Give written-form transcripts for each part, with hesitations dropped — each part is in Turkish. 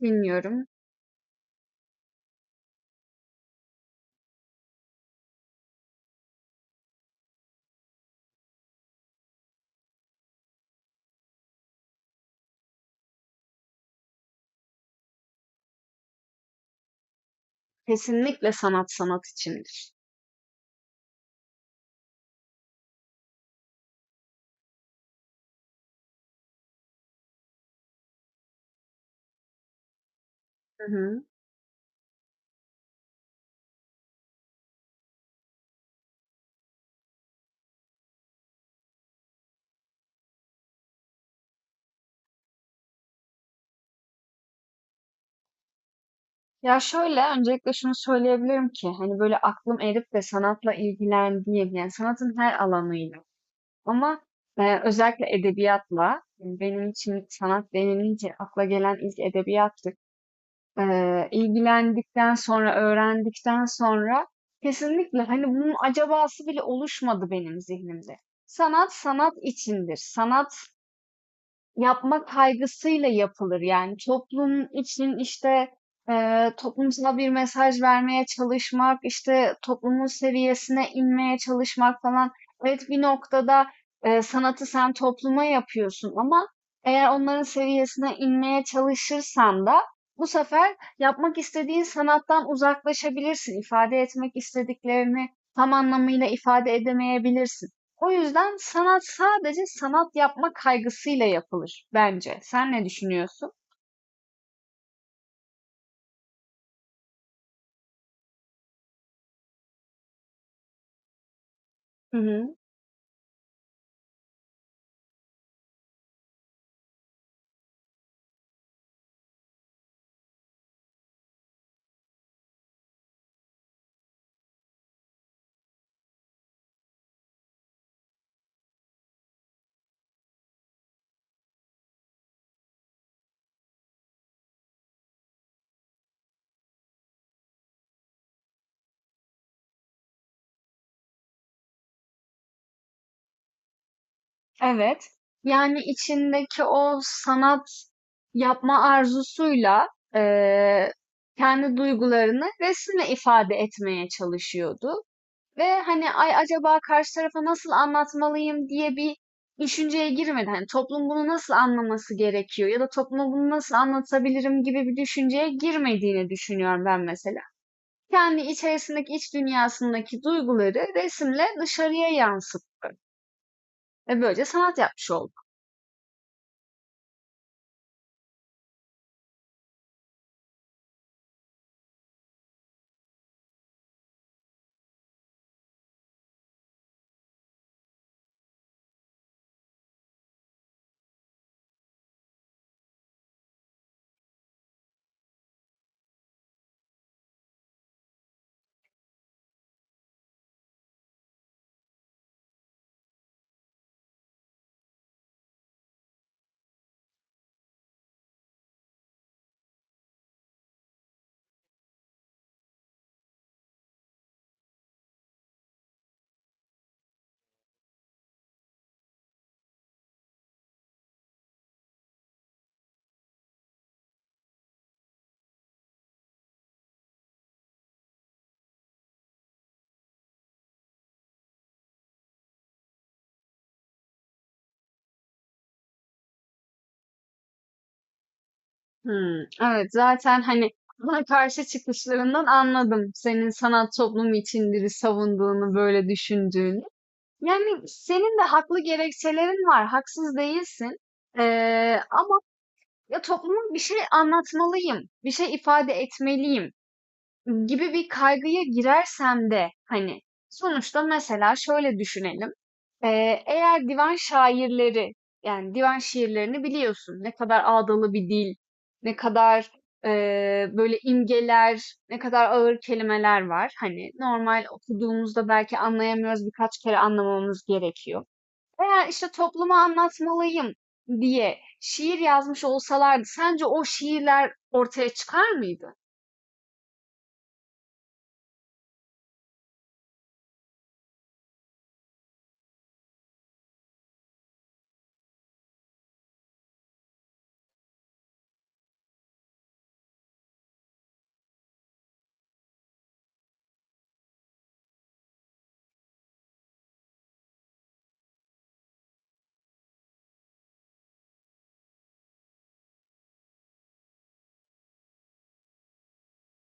Bilmiyorum. Kesinlikle sanat, sanat içindir. Hı hı. Ya şöyle, öncelikle şunu söyleyebilirim ki hani böyle aklım erip de sanatla ilgilendiğim, yani sanatın her alanıyla ama özellikle edebiyatla, yani benim için sanat denilince akla gelen ilk edebiyattır. İlgilendikten sonra, öğrendikten sonra kesinlikle hani bunun acabası bile oluşmadı benim zihnimde. Sanat sanat içindir. Sanat yapma kaygısıyla yapılır. Yani toplum için işte toplumsal bir mesaj vermeye çalışmak, işte toplumun seviyesine inmeye çalışmak falan. Evet, bir noktada sanatı sen topluma yapıyorsun ama eğer onların seviyesine inmeye çalışırsan da bu sefer yapmak istediğin sanattan uzaklaşabilirsin. İfade etmek istediklerini tam anlamıyla ifade edemeyebilirsin. O yüzden sanat sadece sanat yapma kaygısıyla yapılır bence. Sen ne düşünüyorsun? Hı hı. Evet. Yani içindeki o sanat yapma arzusuyla eee, kendi duygularını resimle ifade etmeye çalışıyordu. Ve hani ay acaba karşı tarafa nasıl anlatmalıyım diye bir düşünceye girmeden hani toplum bunu nasıl anlaması gerekiyor ya da topluma bunu nasıl anlatabilirim gibi bir düşünceye girmediğini düşünüyorum ben mesela. Kendi içerisindeki iç dünyasındaki duyguları resimle dışarıya yansıttı. Ve böylece sanat yapmış oldu. Hmm, evet, zaten hani buna karşı çıkışlarından anladım senin sanat toplumu içindir savunduğunu, böyle düşündüğünü. Yani senin de haklı gerekçelerin var, haksız değilsin. Ee, Ama ya topluma bir şey anlatmalıyım, bir şey ifade etmeliyim gibi bir kaygıya girersem de hani sonuçta mesela şöyle düşünelim. Eğer divan şairleri, yani divan şiirlerini biliyorsun. Ne kadar ağdalı bir dil, ne kadar böyle imgeler, ne kadar ağır kelimeler var. Hani normal okuduğumuzda belki anlayamıyoruz, birkaç kere anlamamız gerekiyor. Eğer işte topluma anlatmalıyım diye şiir yazmış olsalardı sence o şiirler ortaya çıkar mıydı?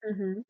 Hı hı.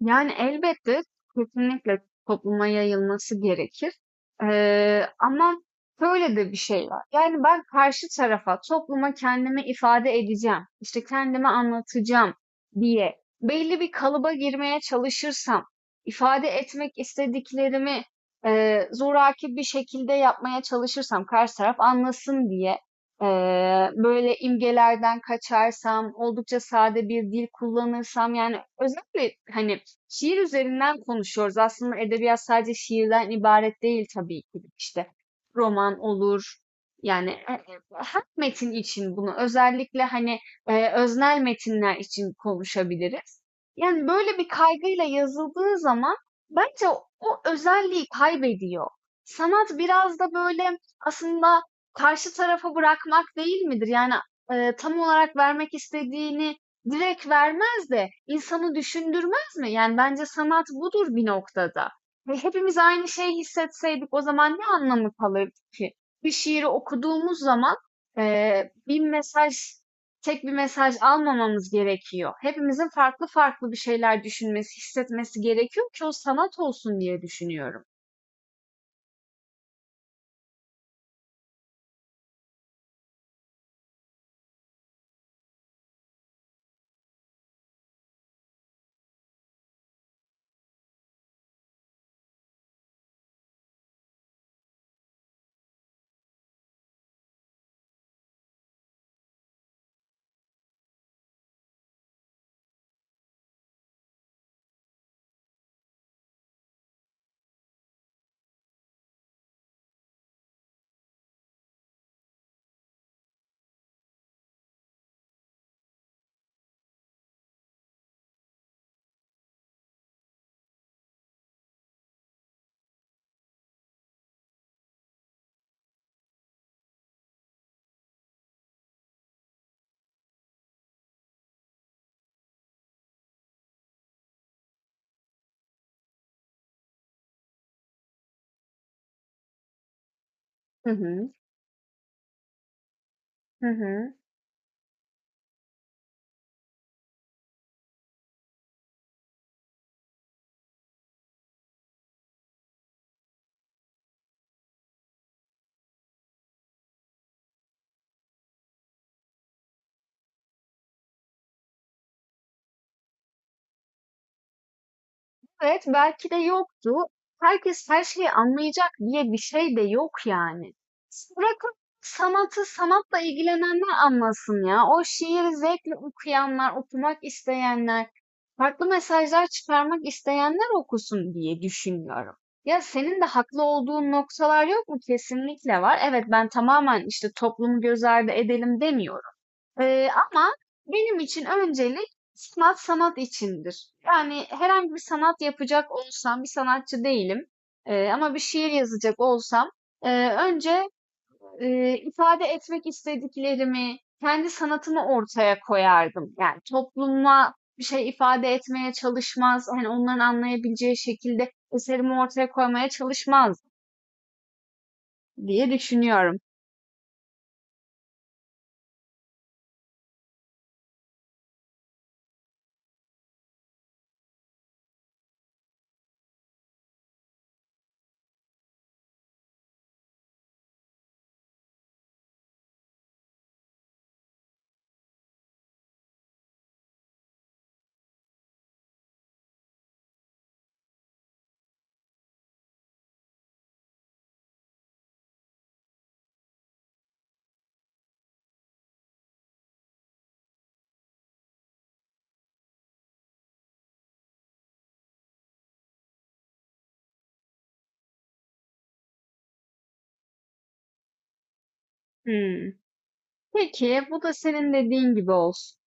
Yani, elbette, kesinlikle topluma yayılması gerekir. Ama şöyle de bir şey var. Yani, ben karşı tarafa, topluma kendimi ifade edeceğim, işte, kendimi anlatacağım diye belli bir kalıba girmeye çalışırsam, ifade etmek istediklerimi zoraki bir şekilde yapmaya çalışırsam karşı taraf anlasın diye, böyle imgelerden kaçarsam, oldukça sade bir dil kullanırsam, yani, özellikle, hani, şiir üzerinden konuşuyoruz. Aslında edebiyat sadece şiirden ibaret değil tabii ki de. İşte roman olur. Yani her metin için bunu özellikle hani öznel metinler için konuşabiliriz. Yani böyle bir kaygıyla yazıldığı zaman bence o özelliği kaybediyor. Sanat biraz da böyle aslında karşı tarafa bırakmak değil midir? Yani tam olarak vermek istediğini direkt vermez de insanı düşündürmez mı? Yani bence sanat budur bir noktada. Ve hepimiz aynı şeyi hissetseydik o zaman ne anlamı kalırdı ki? Bir şiiri okuduğumuz zaman bir mesaj, tek bir mesaj almamamız gerekiyor. Hepimizin farklı farklı bir şeyler düşünmesi, hissetmesi gerekiyor ki o sanat olsun diye düşünüyorum. Hı hı, hı hı. Evet, belki de yoktu. Herkes her şeyi anlayacak diye bir şey de yok yani. Bırakın sanatı sanatla ilgilenenler anlasın ya. O şiiri zevkle okuyanlar, okumak isteyenler, farklı mesajlar çıkarmak isteyenler okusun diye düşünüyorum. Ya senin de haklı olduğun noktalar yok mu? Kesinlikle var. Evet, ben tamamen işte toplumu göz ardı edelim demiyorum. Ama benim için öncelik sanat, sanat içindir. Yani herhangi bir sanat yapacak olsam, bir sanatçı değilim. Ama bir şiir yazacak olsam, önce ifade etmek istediklerimi, kendi sanatımı ortaya koyardım. Yani topluma bir şey ifade etmeye çalışmaz, hani onların anlayabileceği şekilde eserimi ortaya koymaya çalışmaz diye düşünüyorum. Hmm. Peki, bu da senin dediğin gibi olsun.